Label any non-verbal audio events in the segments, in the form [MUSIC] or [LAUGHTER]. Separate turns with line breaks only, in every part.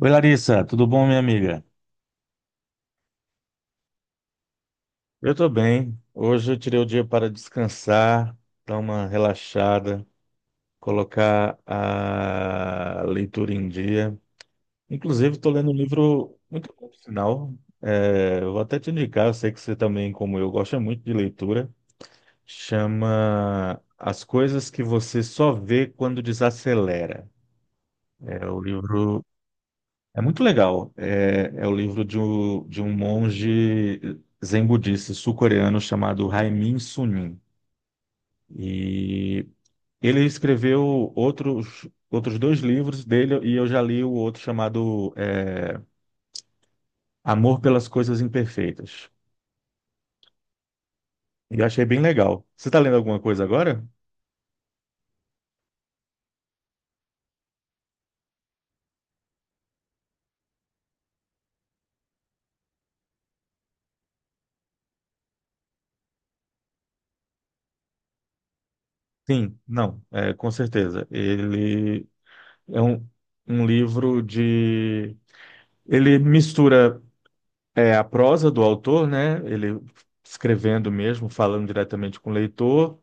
Oi, Larissa, tudo bom, minha amiga? Eu tô bem. Hoje eu tirei o dia para descansar, dar uma relaxada, colocar a leitura em dia. Inclusive, estou lendo um livro muito bom, por sinal. Eu vou até te indicar, eu sei que você também, como eu, gosta muito de leitura. Chama As Coisas que Você Só Vê Quando Desacelera. É o livro. É muito legal. É o livro de um monge zen budista sul-coreano chamado Haimin Sunim. E ele escreveu outros dois livros dele, e eu já li o outro chamado Amor pelas Coisas Imperfeitas. E eu achei bem legal. Você está lendo alguma coisa agora? Sim, não, com certeza. Ele é um, um livro de. Ele mistura. É a prosa do autor, né? Ele escrevendo mesmo, falando diretamente com o leitor,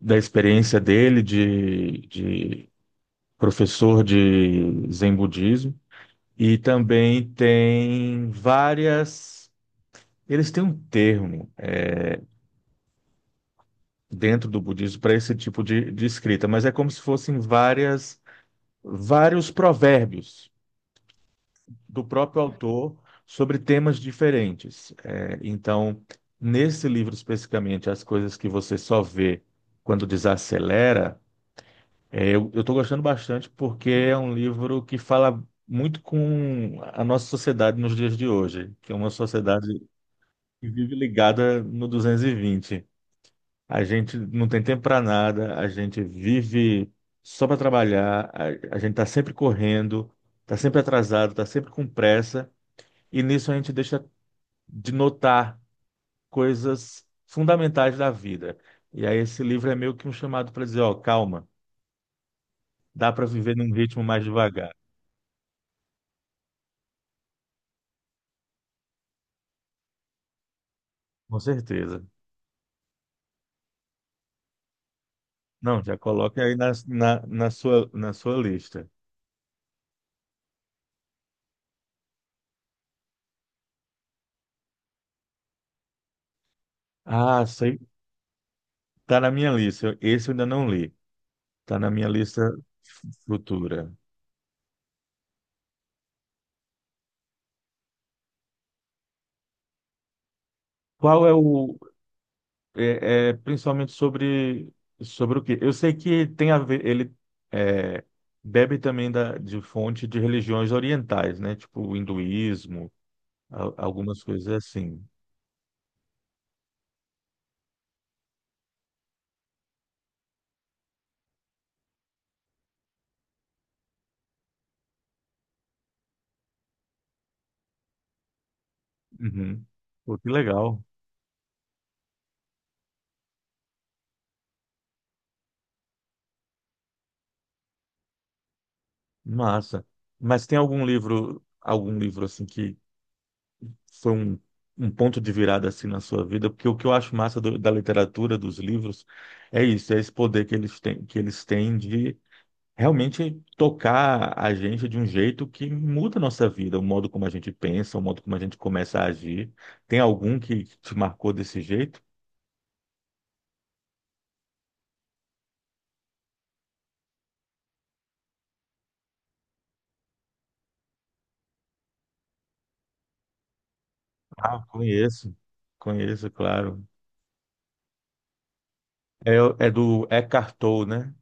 da experiência dele de professor de Zen budismo. E também tem várias. Eles têm um termo dentro do budismo para esse tipo de escrita, mas é como se fossem várias, vários provérbios do próprio autor sobre temas diferentes. É, então, nesse livro especificamente, as coisas que você só vê quando desacelera, eu estou gostando bastante porque é um livro que fala muito com a nossa sociedade nos dias de hoje, que é uma sociedade que vive ligada no 220. A gente não tem tempo para nada, a gente vive só para trabalhar, a gente está sempre correndo, está sempre atrasado, está sempre com pressa, e nisso a gente deixa de notar coisas fundamentais da vida. E aí esse livro é meio que um chamado para dizer, ó, calma, dá para viver num ritmo mais devagar. Com certeza. Não, já coloque aí na sua lista. Ah, sei, tá na minha lista. Esse eu ainda não li. Tá na minha lista futura. Qual é o. Principalmente sobre o quê? Eu sei que tem a ver, ele é, bebe também de fonte de religiões orientais, né? Tipo o hinduísmo, algumas coisas assim. Uhum. Pô, que legal, massa. Mas tem algum livro assim que foi um ponto de virada assim na sua vida? Porque o que eu acho massa da literatura, dos livros, é isso, é esse poder que eles têm, de realmente tocar a gente de um jeito que muda a nossa vida, o modo como a gente pensa, o modo como a gente começa a agir. Tem algum que te marcou desse jeito? Ah, conheço, conheço, claro. É, é do Eckhart Tolle, né?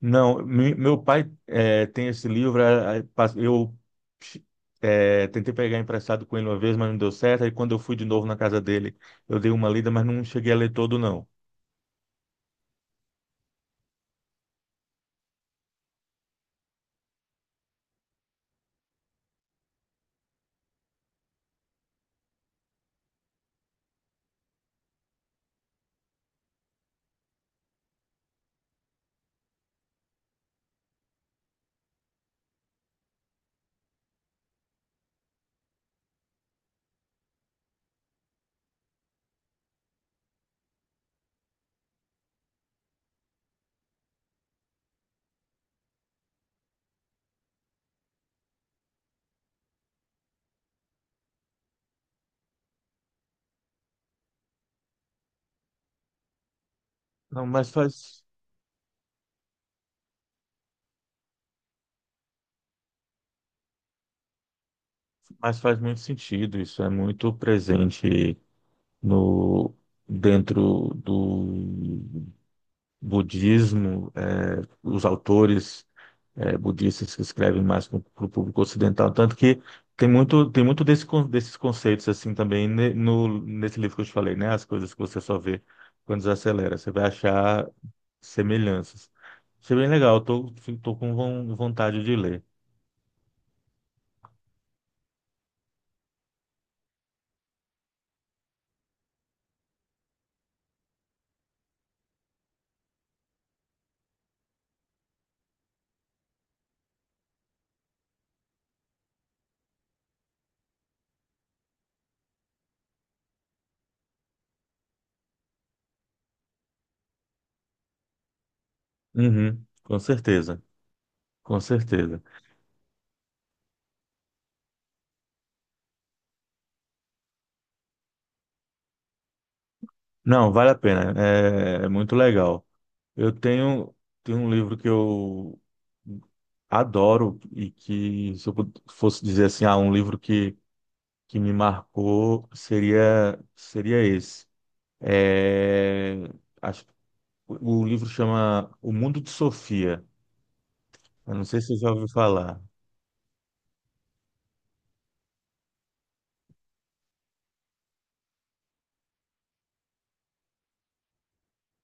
Não, meu pai tem esse livro, tentei pegar emprestado com ele uma vez, mas não deu certo, aí quando eu fui de novo na casa dele, eu dei uma lida, mas não cheguei a ler todo, não. Não, mas faz. Mas faz muito sentido, isso é muito presente no dentro do budismo, os autores budistas que escrevem mais para o público ocidental, tanto que tem muito desse, desses conceitos assim também ne- no nesse livro que eu te falei, né? As coisas que você só vê quando desacelera, você vai achar semelhanças. Isso é bem legal, tô com vontade de ler. Uhum, com certeza, com certeza. Não, vale a pena. É, é muito legal. Eu tenho, tenho um livro que eu adoro e que, se eu fosse dizer assim, ah, um livro que me marcou, seria esse. É, acho, o livro chama O Mundo de Sofia. Eu não sei se você já ouviu falar.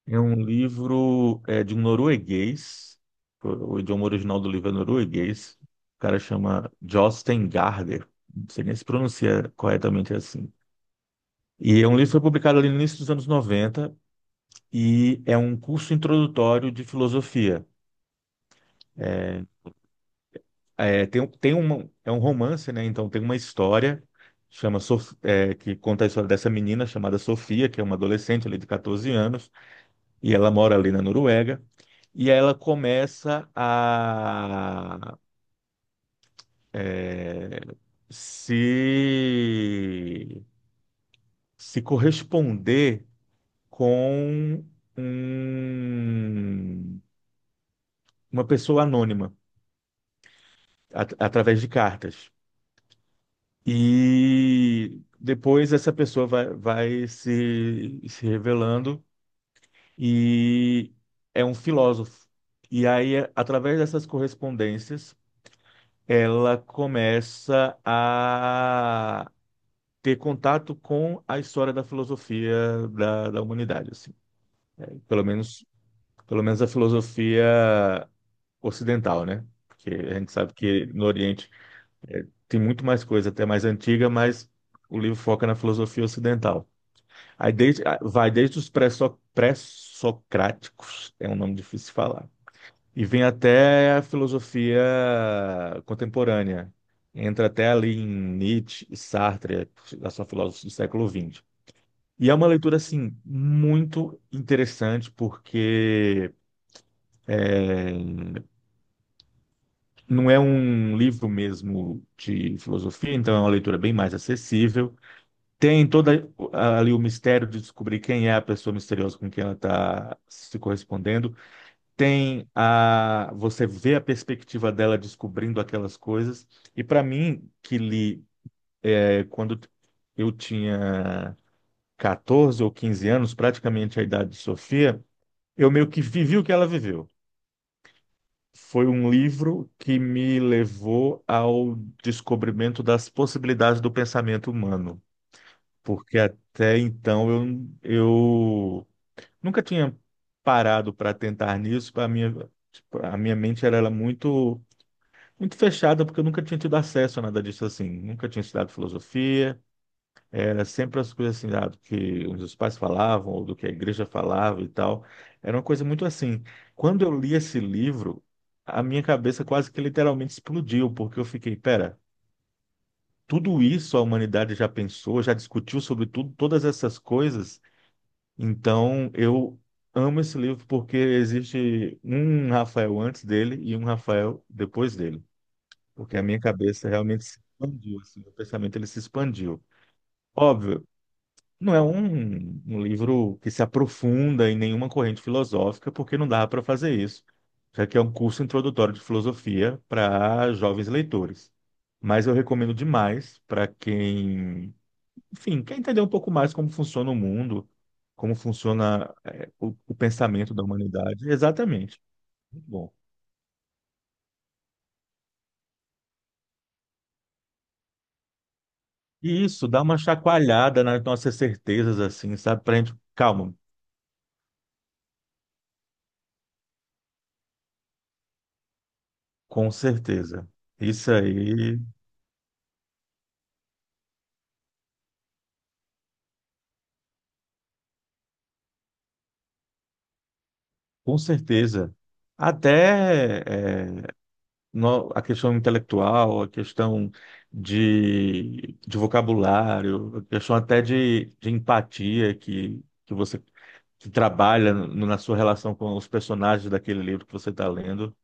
É um livro de um norueguês. O idioma original do livro é norueguês. O cara chama Jostein Gaarder. Não sei nem se pronuncia corretamente assim. E é um livro que foi publicado ali no início dos anos 90 e é um curso introdutório de filosofia. É, é, tem, um, tem uma, é um romance, né? Então tem uma história. Que conta a história dessa menina chamada Sofia, que é uma adolescente ali de 14 anos, e ela mora ali na Noruega. E ela começa a é, se, se corresponder com um- uma pessoa anônima através de cartas. E depois essa pessoa vai se revelando e é um filósofo. E aí, através dessas correspondências, ela começa ter contato com a história da filosofia da humanidade, assim. Pelo menos, pelo menos a filosofia ocidental, né? Porque a gente sabe que no Oriente tem muito mais coisa, até mais antiga, mas o livro foca na filosofia ocidental. Aí desde, ah, vai desde os pré-socráticos, é um nome difícil de falar, e vem até a filosofia contemporânea. Entra até ali em Nietzsche e Sartre, a sua filósofos do século XX. E é uma leitura, assim, muito interessante, porque não é um livro mesmo de filosofia, então é uma leitura bem mais acessível. Tem toda ali o mistério de descobrir quem é a pessoa misteriosa com quem ela está se correspondendo. Tem a você vê a perspectiva dela descobrindo aquelas coisas. E para mim, que li quando eu tinha 14 ou 15 anos, praticamente a idade de Sofia, eu meio que vivi o que ela viveu. Foi um livro que me levou ao descobrimento das possibilidades do pensamento humano, porque até então eu nunca tinha parado para tentar nisso. A minha mente muito fechada, porque eu nunca tinha tido acesso a nada disso assim. Nunca tinha estudado filosofia, era sempre as coisas assim, ah, do que os meus pais falavam, ou do que a igreja falava e tal. Era uma coisa muito assim. Quando eu li esse livro, a minha cabeça quase que literalmente explodiu, porque eu fiquei, pera, tudo isso a humanidade já pensou, já discutiu sobre tudo, todas essas coisas. Então, eu amo esse livro porque existe um Rafael antes dele e um Rafael depois dele. Porque a minha cabeça realmente se expandiu, assim, o pensamento ele se expandiu. Óbvio, não é um livro que se aprofunda em nenhuma corrente filosófica, porque não dava para fazer isso, já que é um curso introdutório de filosofia para jovens leitores. Mas eu recomendo demais para quem, enfim, quer entender um pouco mais como funciona o mundo, como funciona, o pensamento da humanidade. Exatamente. Muito bom. E isso dá uma chacoalhada nas nossas certezas, assim, sabe? Para gente, calma, com certeza. Isso aí. Com certeza. Até eh, no- A questão intelectual, a questão de vocabulário, a questão até de empatia que trabalha na sua relação com os personagens daquele livro que você está lendo,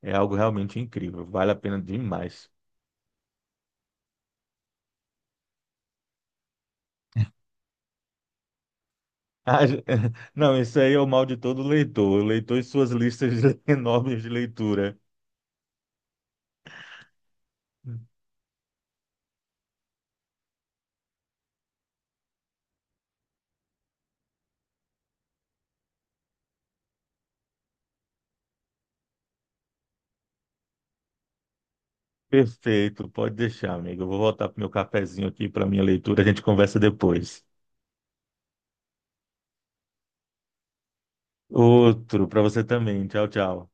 é algo realmente incrível. Vale a pena demais. Ah, [LAUGHS] não, isso aí é o mal de todo leitor. O leitor e suas listas [LAUGHS] enormes de leitura. Perfeito, pode deixar, amigo. Eu vou voltar pro meu cafezinho aqui, para minha leitura. A gente conversa depois. Outro para você também. Tchau, tchau.